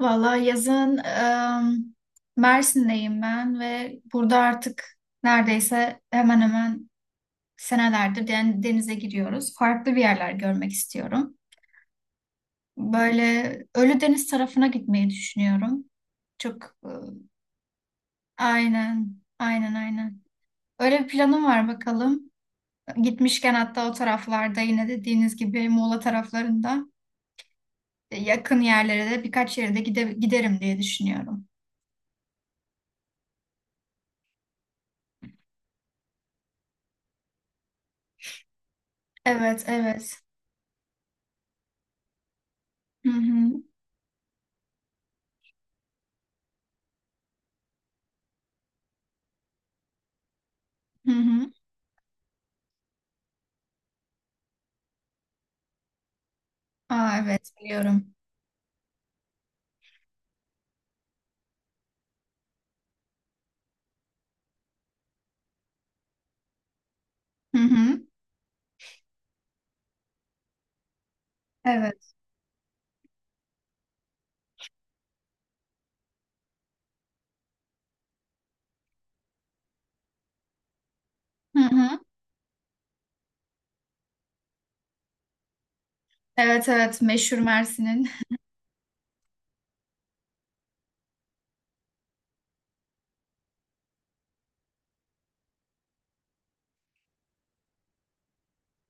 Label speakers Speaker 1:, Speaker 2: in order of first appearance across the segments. Speaker 1: Valla yazın Mersin'deyim ben ve burada artık neredeyse hemen hemen senelerdir denize giriyoruz. Farklı bir yerler görmek istiyorum. Böyle Ölüdeniz tarafına gitmeyi düşünüyorum. Çok e, aynen, aynen, aynen. Öyle bir planım var bakalım. Gitmişken hatta o taraflarda yine dediğiniz gibi Muğla taraflarında yakın yerlere de birkaç yere de gide giderim diye düşünüyorum. Evet, evet. Hı hı. Hı hı. Aa, evet, biliyorum. Hı hı. Evet. Hı hı. Evet, evet, meşhur Mersin'in.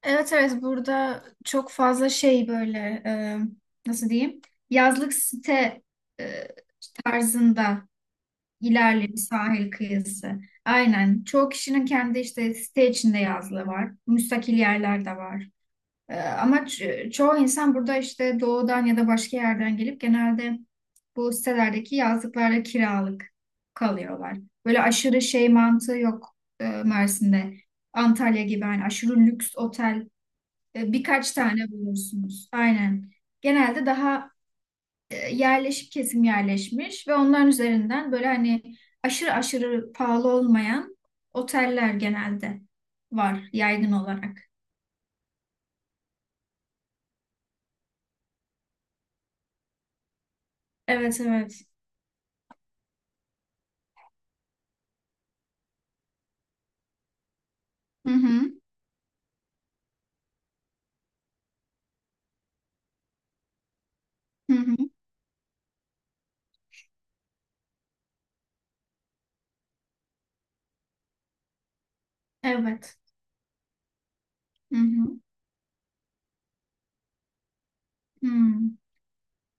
Speaker 1: Evet, evet, burada çok fazla şey böyle e, nasıl diyeyim? Yazlık site e, tarzında ilerli bir sahil kıyısı. Aynen. Çoğu kişinin kendi işte site içinde yazlığı var. Müstakil yerler de var. Ama çoğu insan burada işte doğudan ya da başka yerden gelip genelde bu sitelerdeki yazlıklarda kiralık kalıyorlar. Böyle aşırı şey mantığı yok Mersin'de. Antalya gibi hani aşırı lüks otel birkaç tane bulursunuz. Aynen. Genelde daha yerleşik kesim yerleşmiş ve onların üzerinden böyle hani aşırı aşırı pahalı olmayan oteller genelde var yaygın olarak. Evet, evet. Hı hı. Hı hı. Evet. Hı hı. Hmm.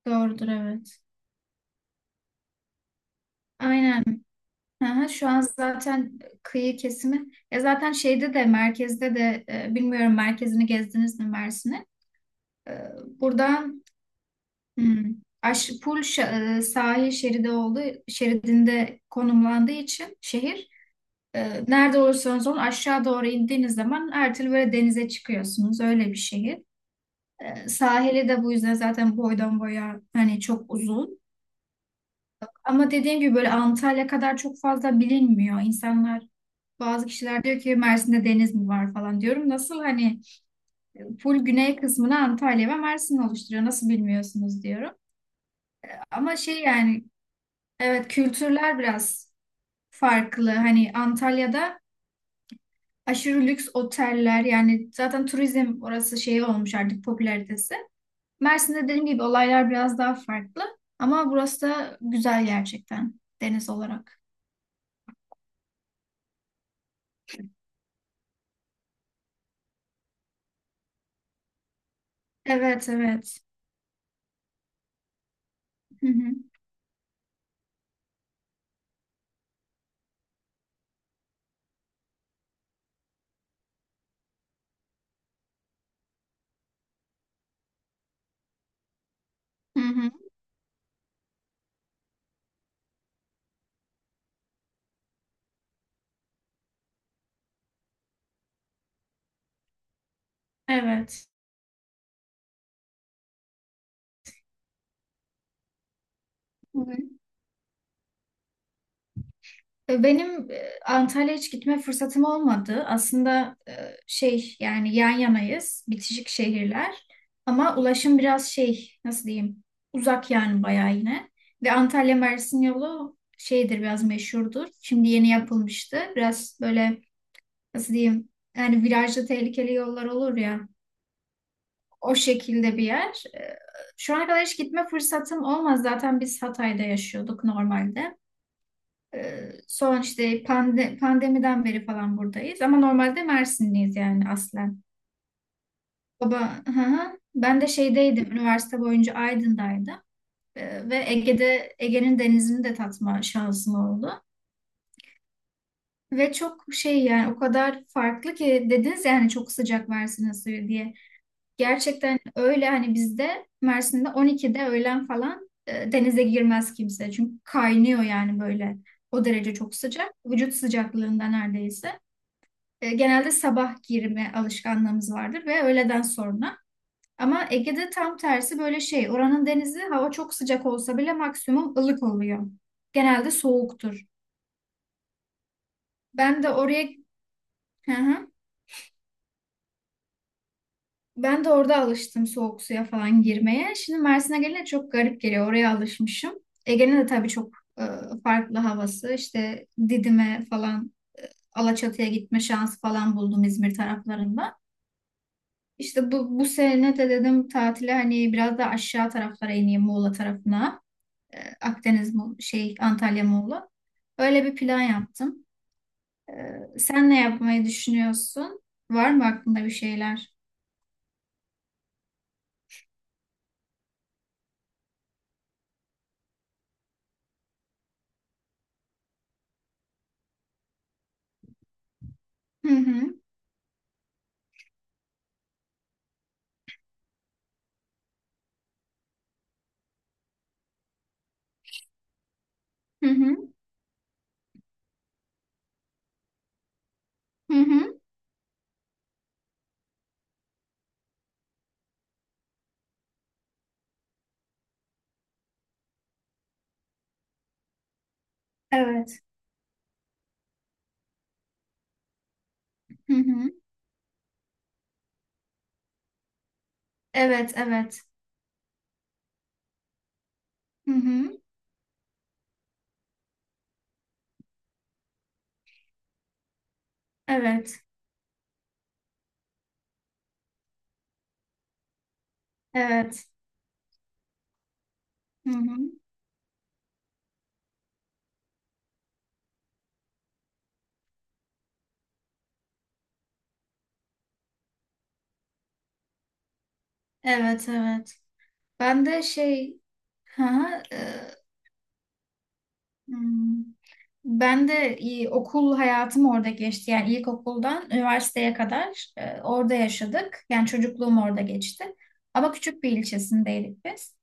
Speaker 1: Doğrudur, evet. Aynen. Aha, şu an zaten kıyı kesimi. Ya zaten şeyde de merkezde de bilmiyorum, merkezini gezdiniz mi Mersin'in? E, Buradan hmm, sahil şeridi olduğu şeridinde konumlandığı için şehir nerede olursanız olun aşağı doğru indiğiniz zaman her türlü böyle denize çıkıyorsunuz. Öyle bir şehir. Sahili de bu yüzden zaten boydan boya hani çok uzun. Ama dediğim gibi böyle Antalya kadar çok fazla bilinmiyor. İnsanlar, bazı kişiler diyor ki Mersin'de deniz mi var falan, diyorum. Nasıl hani full güney kısmını Antalya ve Mersin oluşturuyor. Nasıl bilmiyorsunuz diyorum. Ama şey yani evet, kültürler biraz farklı. Hani Antalya'da aşırı lüks oteller yani zaten turizm orası şey olmuş artık, popülaritesi. Mersin'de dediğim gibi olaylar biraz daha farklı. Ama burası da güzel gerçekten deniz olarak. Evet, evet. Hı hı. Hı hı. Evet. Hı hı. Benim Antalya'ya hiç gitme fırsatım olmadı. Aslında şey yani yan yanayız, bitişik şehirler. Ama ulaşım biraz şey, nasıl diyeyim, uzak yani bayağı yine. Ve Antalya Mersin yolu şeydir, biraz meşhurdur. Şimdi yeni yapılmıştı. Biraz böyle, nasıl diyeyim, yani virajlı tehlikeli yollar olur ya, o şekilde bir yer. Şu ana kadar hiç gitme fırsatım olmaz. Zaten biz Hatay'da yaşıyorduk normalde. Son işte pandemiden beri falan buradayız. Ama normalde Mersinliyiz yani aslen. Baba, hı hı. Ben de şeydeydim, üniversite boyunca Aydın'daydım. Ve Ege'de, Ege'nin denizini de tatma şansım oldu. Ve çok şey yani, o kadar farklı ki, dediniz yani çok sıcak Mersin'in suyu diye. Gerçekten öyle, hani bizde Mersin'de 12'de, öğlen falan, denize girmez kimse. Çünkü kaynıyor yani böyle. O derece çok sıcak. Vücut sıcaklığında neredeyse. Genelde sabah girme alışkanlığımız vardır ve öğleden sonra. Ama Ege'de tam tersi böyle şey. Oranın denizi, hava çok sıcak olsa bile maksimum ılık oluyor. Genelde soğuktur. Ben de oraya. Hı hı. Ben de orada alıştım soğuk suya falan girmeye. Şimdi Mersin'e gelince çok garip geliyor. Oraya alışmışım. Ege'nin de tabii çok farklı havası. İşte Didim'e falan, Alaçatı'ya gitme şansı falan buldum İzmir taraflarında. İşte bu sene de dedim tatile hani biraz da aşağı taraflara ineyim Muğla tarafına. Akdeniz, şey Antalya, Muğla. Öyle bir plan yaptım. Sen ne yapmayı düşünüyorsun? Var mı aklında bir şeyler? Hı hı, hı hı, hı hı. Evet. Hı hı. Evet, evet. Hı hı. Evet, evet. Hı hı. Evet, evet. Ben de şey, ha, hmm. Ben de okul hayatım orada geçti. Yani ilkokuldan üniversiteye kadar orada yaşadık. Yani çocukluğum orada geçti. Ama küçük bir ilçesindeydik biz.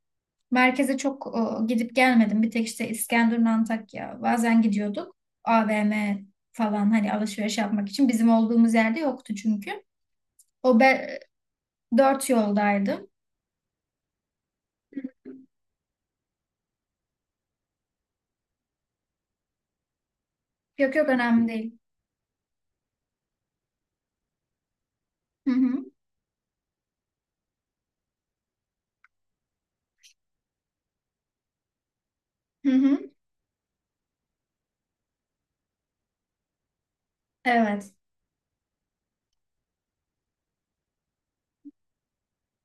Speaker 1: Merkeze çok gidip gelmedim. Bir tek işte İskenderun, Antakya. Bazen gidiyorduk. AVM falan hani alışveriş yapmak için. Bizim olduğumuz yerde yoktu çünkü. O be, dört yoldaydım. Yok yok, önemli değil. Hı hı. Hı hı. Evet.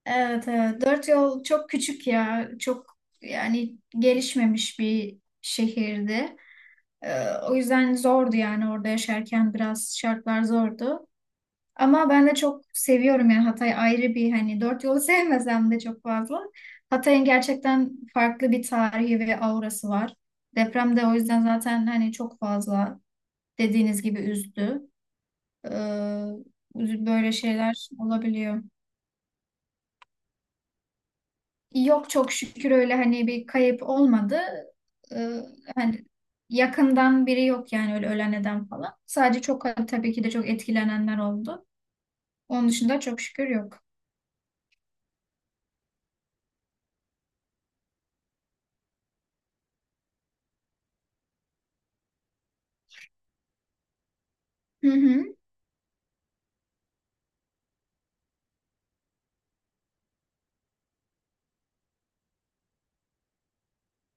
Speaker 1: Evet, evet. Dört yol çok küçük ya. Çok yani gelişmemiş bir şehirdi. Ee, O yüzden zordu yani, orada yaşarken biraz şartlar zordu. Ama ben de çok seviyorum yani, Hatay ayrı bir, hani dört yolu sevmesem de çok fazla. Hatay'ın gerçekten farklı bir tarihi ve aurası var. Deprem de o yüzden zaten hani çok fazla, dediğiniz gibi üzdü. Ee, Böyle şeyler olabiliyor. Yok çok şükür, öyle hani bir kayıp olmadı. Ee, Hani yakından biri yok yani, öyle ölen eden falan. Sadece çok, tabii ki de çok etkilenenler oldu. Onun dışında çok şükür yok. Hı hı.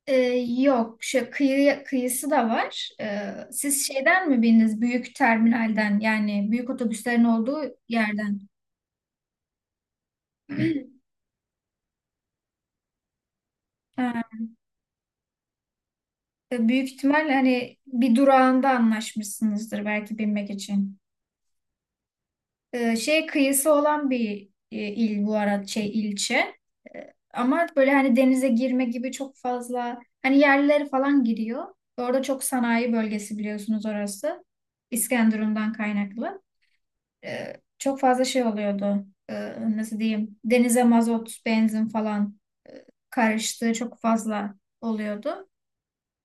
Speaker 1: Ee, Yok şu kıyısı da var. Siz şeyden mi bindiniz? Büyük terminalden yani, büyük otobüslerin olduğu yerden. Ha, büyük ihtimalle hani bir durağında anlaşmışsınızdır belki binmek için. Şey kıyısı olan bir il, bu arada şey ilçe. Ama böyle hani denize girme gibi çok fazla hani yerlileri falan giriyor. Orada çok sanayi bölgesi biliyorsunuz orası. İskenderun'dan kaynaklı. Çok fazla şey oluyordu. Nasıl diyeyim? Denize mazot, benzin falan karıştığı çok fazla oluyordu.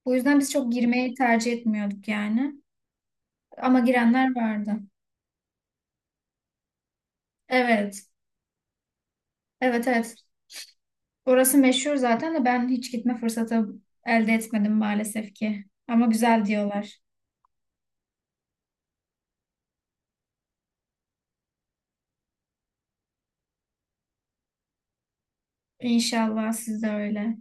Speaker 1: Bu yüzden biz çok girmeyi tercih etmiyorduk yani. Ama girenler vardı. Evet. Evet, evet. Orası meşhur zaten de ben hiç gitme fırsatı elde etmedim maalesef ki. Ama güzel diyorlar. İnşallah siz de öyle.